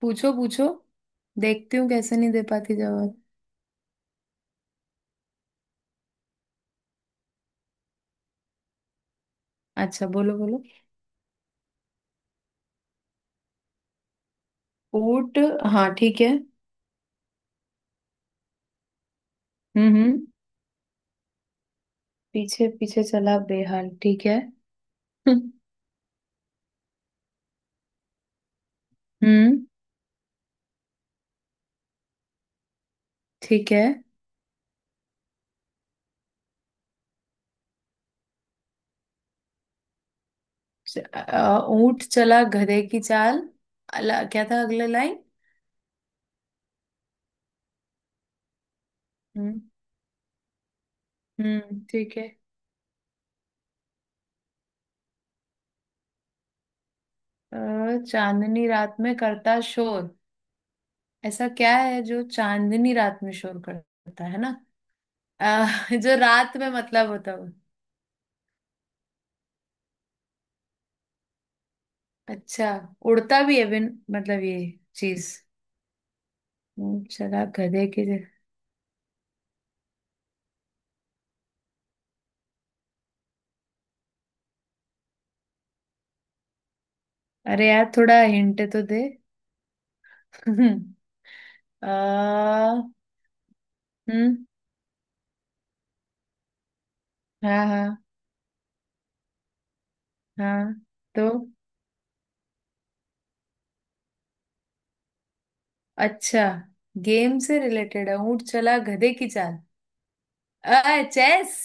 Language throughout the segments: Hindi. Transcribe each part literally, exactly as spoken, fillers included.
पूछो पूछो। देखती हूँ कैसे नहीं दे पाती जवाब। अच्छा, बोलो बोलो। ऊंट। हाँ, ठीक है। हम्म हम्म। पीछे पीछे चला बेहाल, ठीक है। हम्म, ठीक है। च- अ, ऊंट चला गधे की चाल। अला, क्या था अगला लाइन? हम्म हम्म, ठीक है। अ, चांदनी रात में करता शोर। ऐसा क्या है जो चांदनी रात में शोर करता है ना? अ, जो रात में मतलब होता हो। अच्छा। उड़ता भी है बिन। मतलब ये चीज। ऊंट चला गधे के। जै- अरे यार थोड़ा हिंट तो दे। आ, हम्म। हाँ हाँ। हाँ। तो, अच्छा। गेम से रिलेटेड है? ऊंट चला गधे की चाल, आ चेस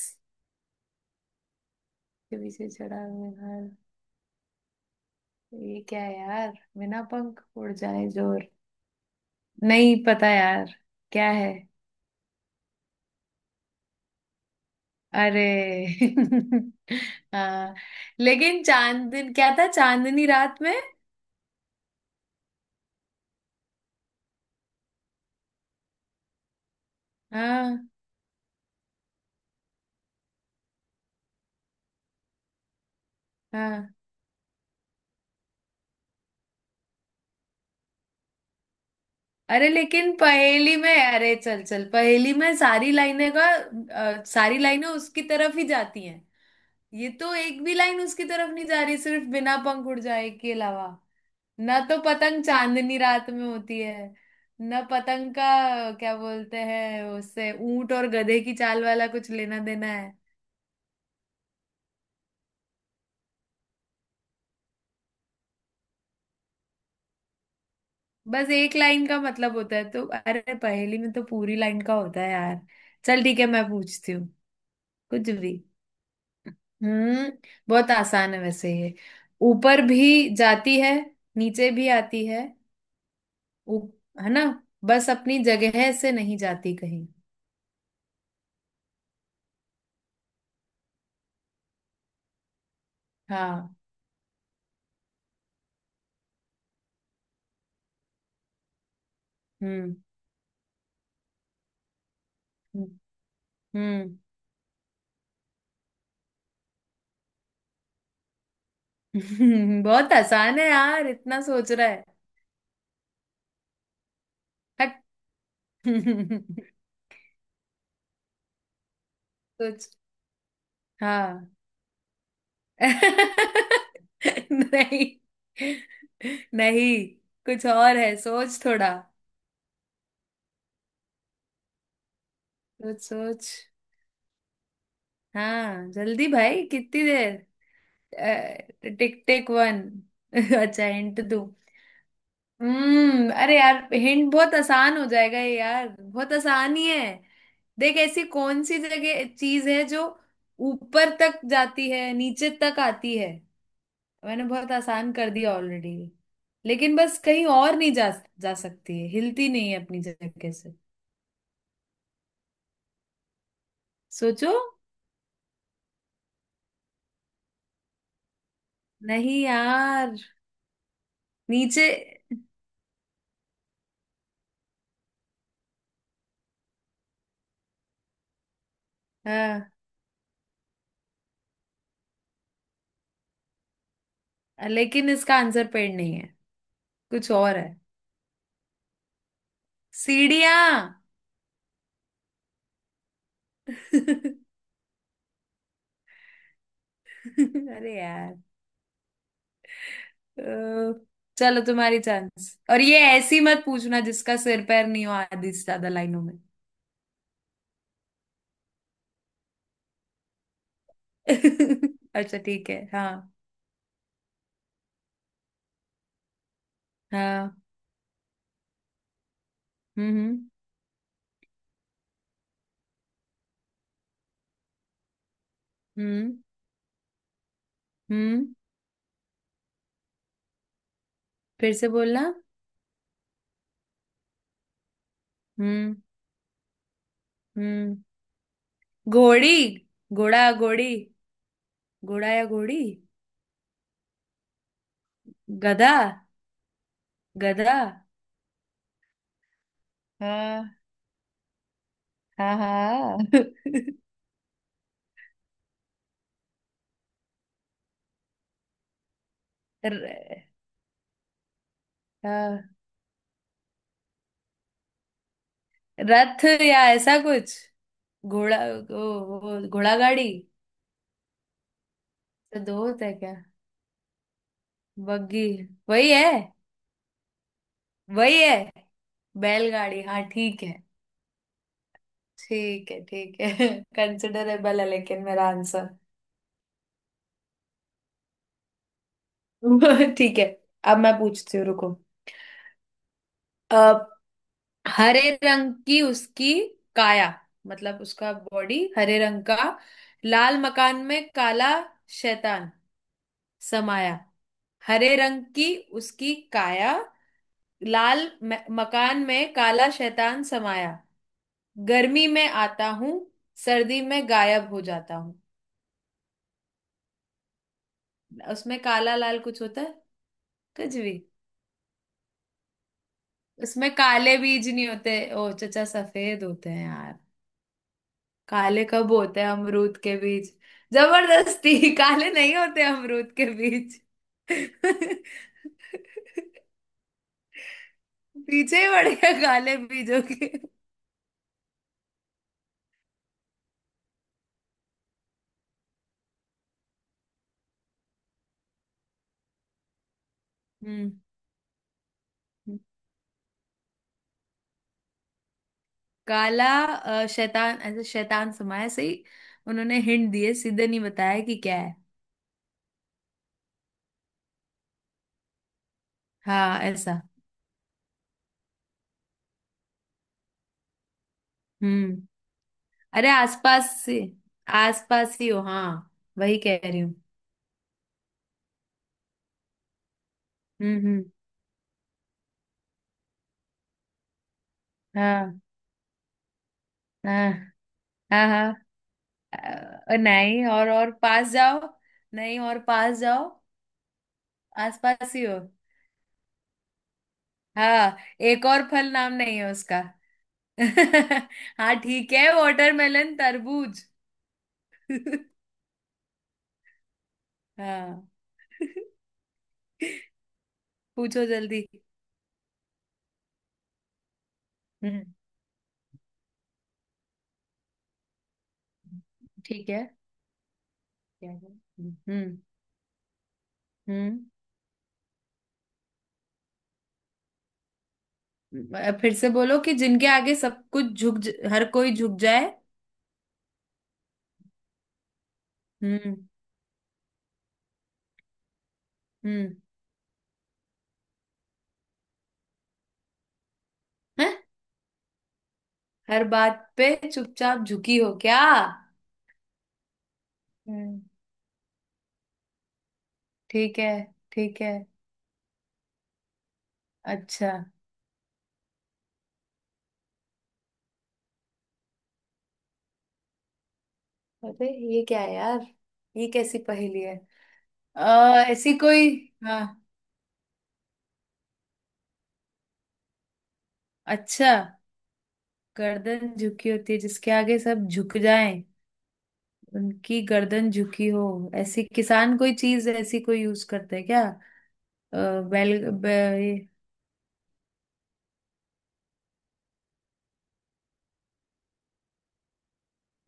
के पीछे चढ़ा हुआ है। ये क्या है यार? बिना पंख उड़ जाए जोर। नहीं पता यार, क्या है। अरे! हाँ। लेकिन चांद, दिन क्या था, चांदनी रात में? हाँ। हाँ। अरे लेकिन पहेली में, अरे चल चल, पहेली में सारी लाइनें का अ, सारी लाइनें उसकी तरफ ही जाती हैं। ये तो एक भी लाइन उसकी तरफ नहीं जा रही सिर्फ बिना पंख उड़ जाए के अलावा। ना तो पतंग चांदनी रात में होती है, ना पतंग का क्या बोलते हैं उससे ऊंट और गधे की चाल वाला कुछ लेना देना। बस एक लाइन का मतलब होता है तो? अरे, पहेली में तो पूरी लाइन का होता है यार। चल ठीक है, मैं पूछती हूँ। कुछ भी। हम्म। बहुत आसान है वैसे ये। ऊपर भी जाती है, नीचे भी आती है। ऊप- है ना? बस अपनी जगह से नहीं जाती कहीं। हाँ। हम्म हम्म। हम्म बहुत आसान है यार, इतना सोच रहा है। हट! सोच। हाँ। नहीं। नहीं, कुछ और है, सोच थोड़ा। सोच सोच। हाँ जल्दी भाई, कितनी देर? टिक टिक वन। अच्छा, हिंट दूं? हम्म, अरे यार हिंट, बहुत आसान हो जाएगा ये यार, बहुत आसान ही है। देख, ऐसी कौन सी जगह चीज है जो ऊपर तक जाती है, नीचे तक आती है। मैंने बहुत आसान कर दिया ऑलरेडी। लेकिन बस कहीं और नहीं जा, जा सकती है, हिलती नहीं है अपनी जगह से। सोचो। नहीं यार। नीचे। हाँ, लेकिन इसका आंसर पेड़ नहीं है। कुछ और है। सीढ़ियाँ। अरे यार। अ, चलो तुम्हारी चांस, और ये ऐसी मत पूछना जिसका सिर पैर नहीं हो आधी से ज्यादा लाइनों में। अच्छा ठीक है, हाँ। हाँ। हम्म हम्म। हम्म। हम्म, फिर से बोलना। हम्म। हम्म। घोड़ी, घोड़ा घोड़ी, घोड़ा या घोड़ी। गधा। गधा। हाँ हाँ। हाँ। र, हाँ, रथ या ऐसा कुछ, घोड़ा वो, वो घोड़ा गाड़ी। तो दो होता है क्या? बग्गी। वही है। वही है। बैलगाड़ी, हाँ ठीक है। ठीक है ठीक है। कंसिडरेबल है लेकिन मेरा आंसर। ठीक है। अब मैं पूछती हूँ, रुको। हरे रंग की उसकी काया, मतलब उसका बॉडी हरे रंग का। लाल मकान में काला शैतान समाया। हरे रंग की उसकी काया, लाल म- मकान में काला शैतान समाया। गर्मी में आता हूँ, सर्दी में गायब हो जाता हूँ। उसमें काला लाल कुछ होता है? कुछ भी। उसमें काले बीज नहीं होते ओ चचा, सफेद होते हैं यार। काले कब होते हैं अमरूद के बीज? जबरदस्ती काले नहीं होते अमरूद के बीज। पीछे ही पड़ गया काले बीजों के। हम्म। काला अ, शैतान, ऐसे शैतान समाया, सही। उन्होंने हिंट दिए, सीधे नहीं बताया कि क्या है। हाँ, ऐसा। हम्म। अरे आसपास से, आसपास ही हो हाँ, वही कह रही हूँ। हम्म हम्म। हाँ। हाँ हाँ। हाँ अ, नहीं, और और पास जाओ। नहीं और पास जाओ। आसपास ही हो। हाँ। एक और फल नाम नहीं है उसका। हाँ ठीक है, वाटरमेलन तरबूज। हाँ। पूछो जल्दी। हम्म। ठीक है। क्या है? हम्म हम्म। अ, फिर से बोलो कि जिनके आगे सब कुछ झुक ज- हर कोई झुक जाए। हम्म हम्म। हैं? हर बात पे चुपचाप झुकी हो क्या? हम्म। ठीक है ठीक है। अच्छा। अरे, ये क्या है यार, ये कैसी पहेली है? आ, ऐसी कोई, हाँ। अच्छा। गर्दन झुकी होती है जिसके आगे सब झुक जाएं? उनकी गर्दन झुकी हो ऐसी किसान कोई चीज ऐसी कोई यूज करते हैं क्या? अ, बैल बै,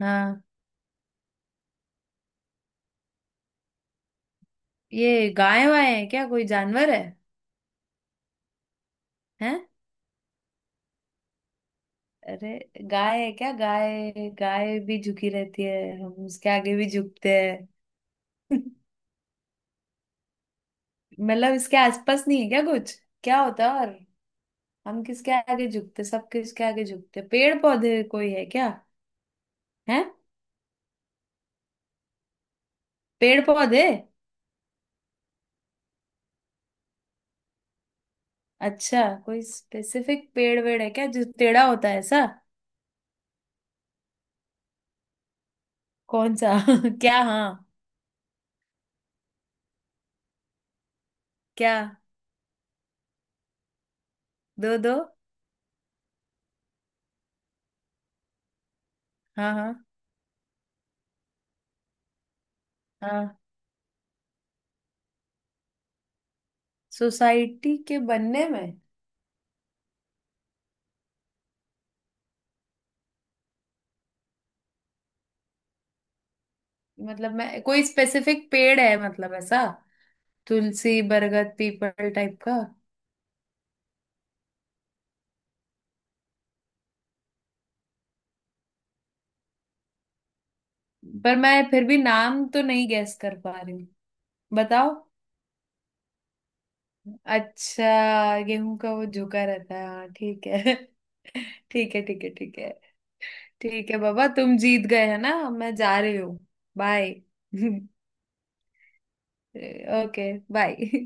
हाँ, ये गाय वाय है क्या, कोई जानवर है? हैं? अरे गाय है क्या? गाय, गाय भी झुकी रहती है, हम उसके आगे भी झुकते हैं। मतलब इसके आसपास नहीं है क्या कुछ, क्या होता है और? हम किसके आगे झुकते, सब किसके आगे झुकते, पेड़ पौधे कोई है क्या? है। पेड़ पौधे। अच्छा, कोई स्पेसिफिक पेड़ वेड़ है क्या जो टेढ़ा होता है ऐसा? कौन सा? क्या? हाँ क्या? दो दो। हाँ हाँ। हाँ। सोसाइटी के बनने में? मतलब मैं, कोई स्पेसिफिक पेड़ है मतलब ऐसा? तुलसी बरगद पीपल टाइप का? पर मैं फिर भी नाम तो नहीं गैस कर पा रही हूँ, बताओ। अच्छा, गेहूं का वो झुका रहता है हाँ ठीक है। ठीक है ठीक है ठीक है। ठीक है बाबा, तुम जीत गए है ना, मैं जा रही हूँ। बाय। Okay bye.